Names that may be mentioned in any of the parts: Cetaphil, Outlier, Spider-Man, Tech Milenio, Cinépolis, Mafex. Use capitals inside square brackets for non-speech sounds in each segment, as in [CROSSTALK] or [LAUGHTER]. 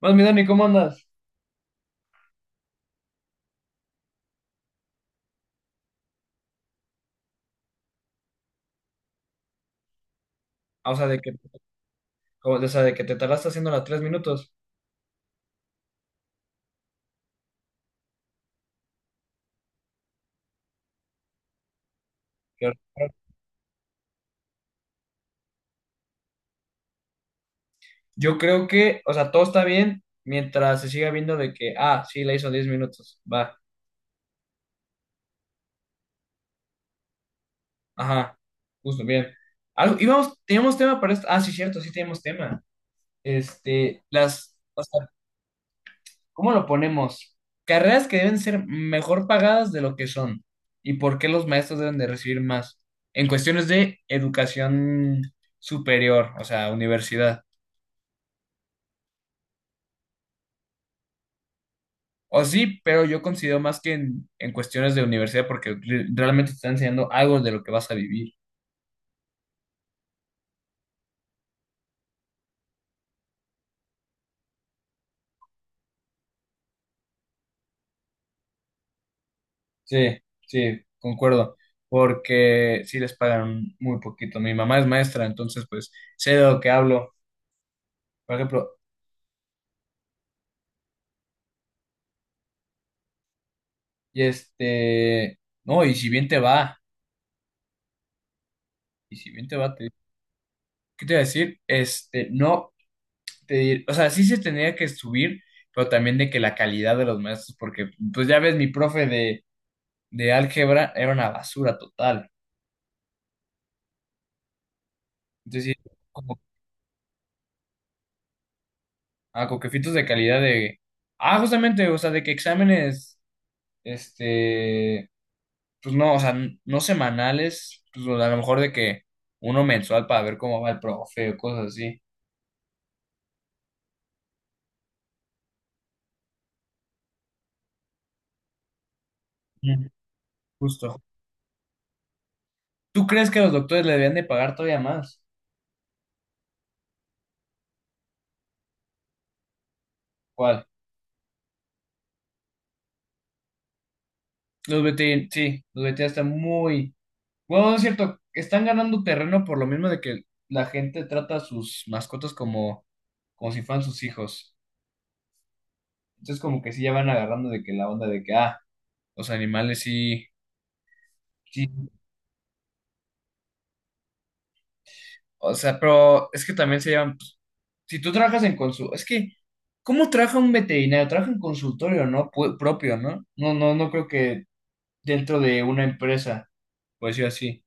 Más mi Dani, ¿cómo andas? Ah, o sea, de que, o sea, de que te tardaste haciendo las 3 minutos. Qué raro. Yo creo que, o sea, todo está bien mientras se siga viendo de que, ah, sí, la hizo 10 minutos. Va. Ajá. Justo, bien. Algo, íbamos, teníamos tema para esto. Ah, sí, cierto, sí tenemos tema. Este, las, o sea, ¿cómo lo ponemos? Carreras que deben ser mejor pagadas de lo que son. ¿Y por qué los maestros deben de recibir más? En cuestiones de educación superior, o sea, universidad. O sí, pero yo considero más que en cuestiones de universidad porque realmente te están enseñando algo de lo que vas a vivir. Sí, sí, concuerdo. Porque sí les pagan muy poquito. Mi mamá es maestra, entonces pues sé de lo que hablo. Por ejemplo, y este, no, y si bien te va, y si bien te va. ¿Qué te iba a decir? Este, no, te, o sea, sí se tendría que subir, pero también de que la calidad de los maestros, porque pues ya ves, mi profe de álgebra era una basura total. Entonces, sí, como a coquefitos de calidad de. Ah, justamente, o sea, de que exámenes, este, pues no, o sea, no semanales, pues a lo mejor de que uno mensual para ver cómo va el profe o cosas así. Mm. Justo. ¿Tú crees que los doctores le debían de pagar todavía más? ¿Cuál? Los veterinarios, sí, los veterinarios están muy. Bueno, no es cierto, están ganando terreno por lo mismo de que la gente trata a sus mascotas como, como si fueran sus hijos. Entonces, como que sí ya van agarrando de que la onda de que, ah, los animales sí, sí. O sea, pero es que también se llevan, pues, si tú trabajas en consultorio, es que, ¿cómo trabaja un veterinario? Trabaja en consultorio, ¿no? Propio, ¿no? No, no, no creo que dentro de una empresa, por decirlo así.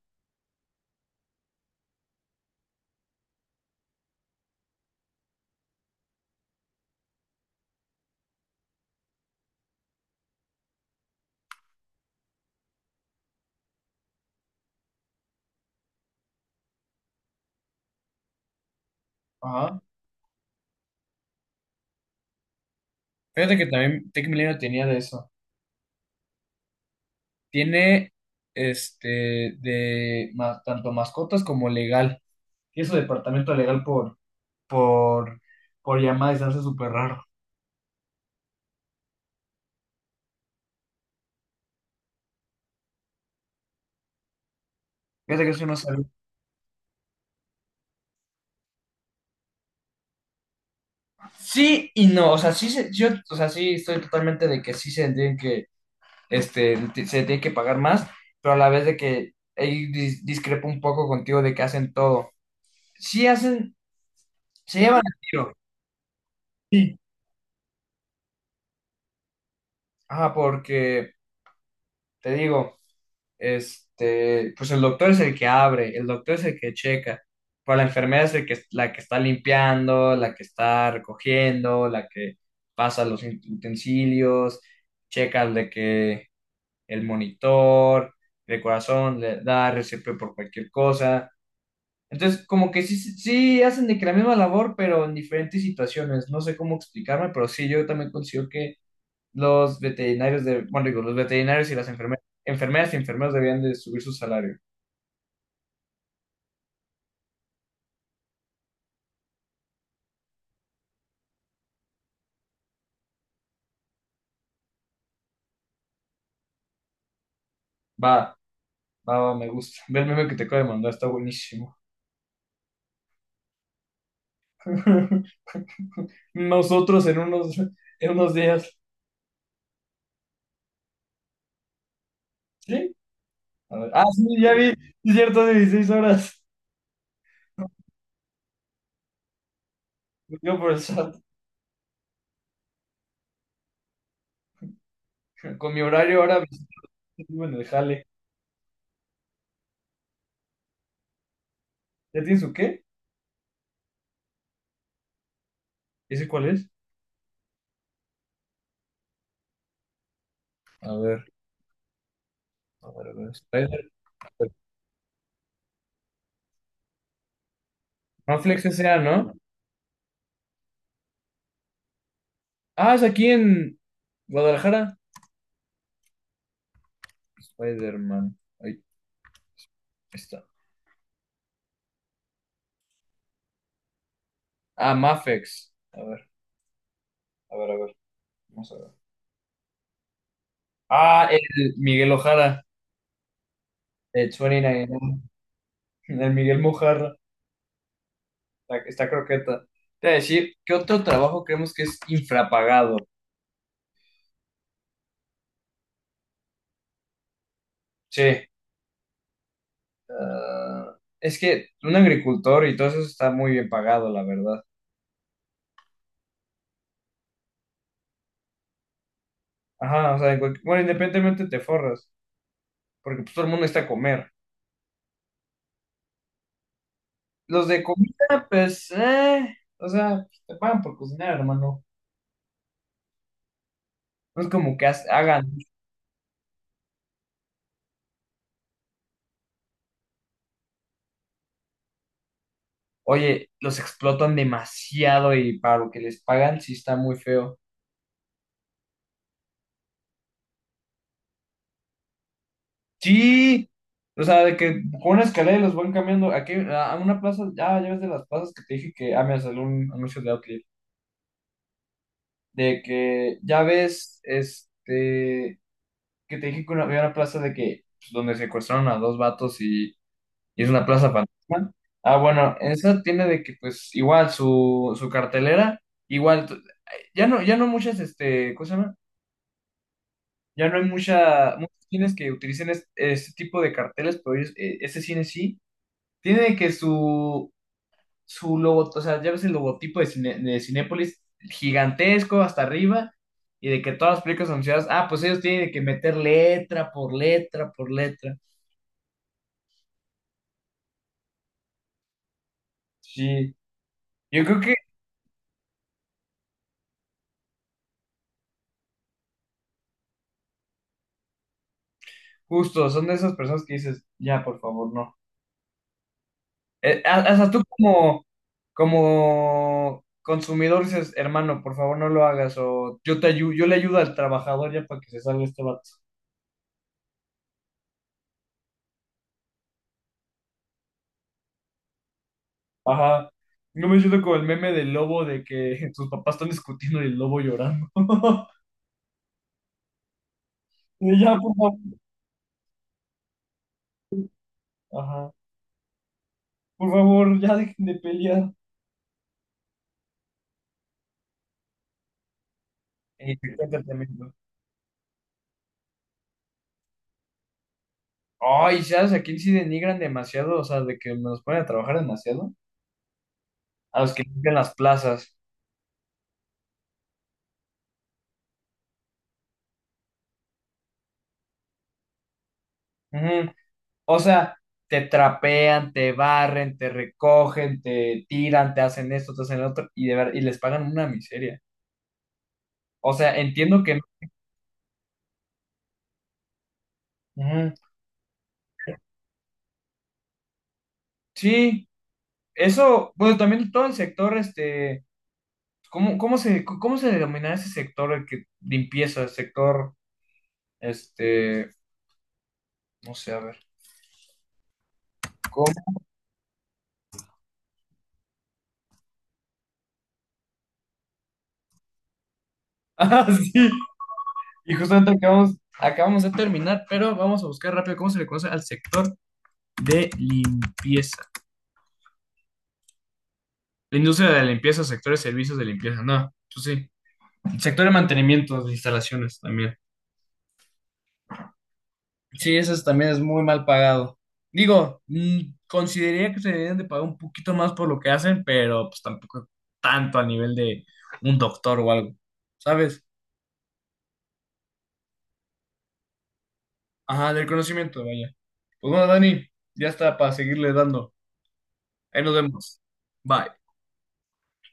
Ajá. Fíjate que también Tech Milenio tenía de eso. Tiene este de tanto mascotas como legal. Tiene su departamento legal por, por llamada y se me hace súper raro. Fíjate que eso yo no sabía. Sí y no, o sea, sí, se- yo, o sea, sí estoy totalmente de que sí se tienen que, este, se tiene que pagar más, pero a la vez de que ahí discrepo un poco contigo de que hacen todo. Sí hacen, se llevan el tiro. Ajá, porque te digo, este, pues el doctor es el que abre, el doctor es el que checa, pero la enfermera es el que, la que está limpiando, la que está recogiendo, la que pasa los utensilios, checa de que el monitor, el corazón, le da RCP por cualquier cosa. Entonces, como que sí, sí hacen de que la misma labor, pero en diferentes situaciones. No sé cómo explicarme, pero sí, yo también considero que los veterinarios de, bueno, digo, los veterinarios y las enfermeras, enfermeras y enfermeros debían de subir su salario. Va, va, va, me gusta. Ve el meme que te acabo de mandar, está buenísimo. [LAUGHS] Nosotros en unos días. ¿Sí? A ver. Ah, sí, ya vi, es cierto, 16 horas. Yo por el sábado. Con mi horario ahora me en el jale. ¿Ya tienes su qué? ¿Ese cuál es? A ver, a ver. Spider- Manflex S.A., ¿no? Ah, es aquí en Guadalajara. Spider-Man. Ahí está. Ah, Mafex. A ver. Vamos a ver. Ah, el Miguel Ojara. El 29. El Miguel Mojarra. Está, está croqueta. Te voy a decir, ¿qué otro trabajo creemos que es infrapagado? Sí. Ah, es que un agricultor y todo eso está muy bien pagado, la verdad. Ajá, o sea, en cualquier- bueno, independientemente te forras, porque pues todo el mundo está a comer. Los de comida, pues, o sea, pues, te pagan por cocinar, hermano. No es como que hagan, oye, los explotan demasiado y para lo que les pagan sí está muy feo. Sí, o sea, de que con una escalera los van cambiando. Aquí, a una plaza, ya, ya ves de las plazas que te dije que, ah, me salió un anuncio de Outlier, de que ya ves, este, que te dije que una- había una plaza de que, pues, donde secuestraron a dos vatos y es una plaza fantasma. Ah, bueno, esa tiene de que pues igual su, su cartelera, igual t- ya no, ya no muchas, este, ¿cómo se llama? Ya no hay mucha, muchos cines que utilicen este, tipo de carteles, pero ellos- este cine sí. Tiene de que su logo, o sea, ya ves el logotipo de, Cine- de Cinépolis gigantesco hasta arriba, y de que todas las películas anunciadas, ah, pues ellos tienen que meter letra por letra por letra. Sí. Yo creo justo, son de esas personas que dices, ya, por favor, no. Ha- hasta tú como, como consumidor dices, hermano, por favor, no lo hagas, o yo te yo le ayudo al trabajador ya para que se salga este vato. Ajá. No me siento como el meme del lobo de que [LAUGHS] sus papás están discutiendo y el lobo llorando. [LAUGHS] Y ya, por favor. Ajá. Por favor, ya dejen de pelear. Y te cuenta tremendo. Ay, ¿sabes a quién sí denigran demasiado? O sea, de que nos ponen a trabajar demasiado. A los que limpian las plazas. Ujú. O sea, te trapean, te barren, te recogen, te tiran, te hacen esto, te hacen lo otro, y, de ver- y les pagan una miseria. O sea, entiendo que... no. Ujú. Sí, eso, bueno, también todo el sector, este, ¿cómo, cómo se denomina ese sector, el que limpieza, el sector, este, no sé, a ver, ¿cómo? [LAUGHS] Ah, sí, y justamente acabamos, acabamos de terminar, pero vamos a buscar rápido cómo se le conoce al sector de limpieza. La industria de la limpieza, sector de servicios de limpieza, no, pues sí. Sector de mantenimiento de instalaciones también. Sí, eso es- también es muy mal pagado. Digo, mm, consideraría que se deberían de pagar un poquito más por lo que hacen, pero pues tampoco tanto a nivel de un doctor o algo, ¿sabes? Ajá, del conocimiento, vaya. Pues bueno, Dani, ya está para seguirle dando. Ahí nos vemos. Bye.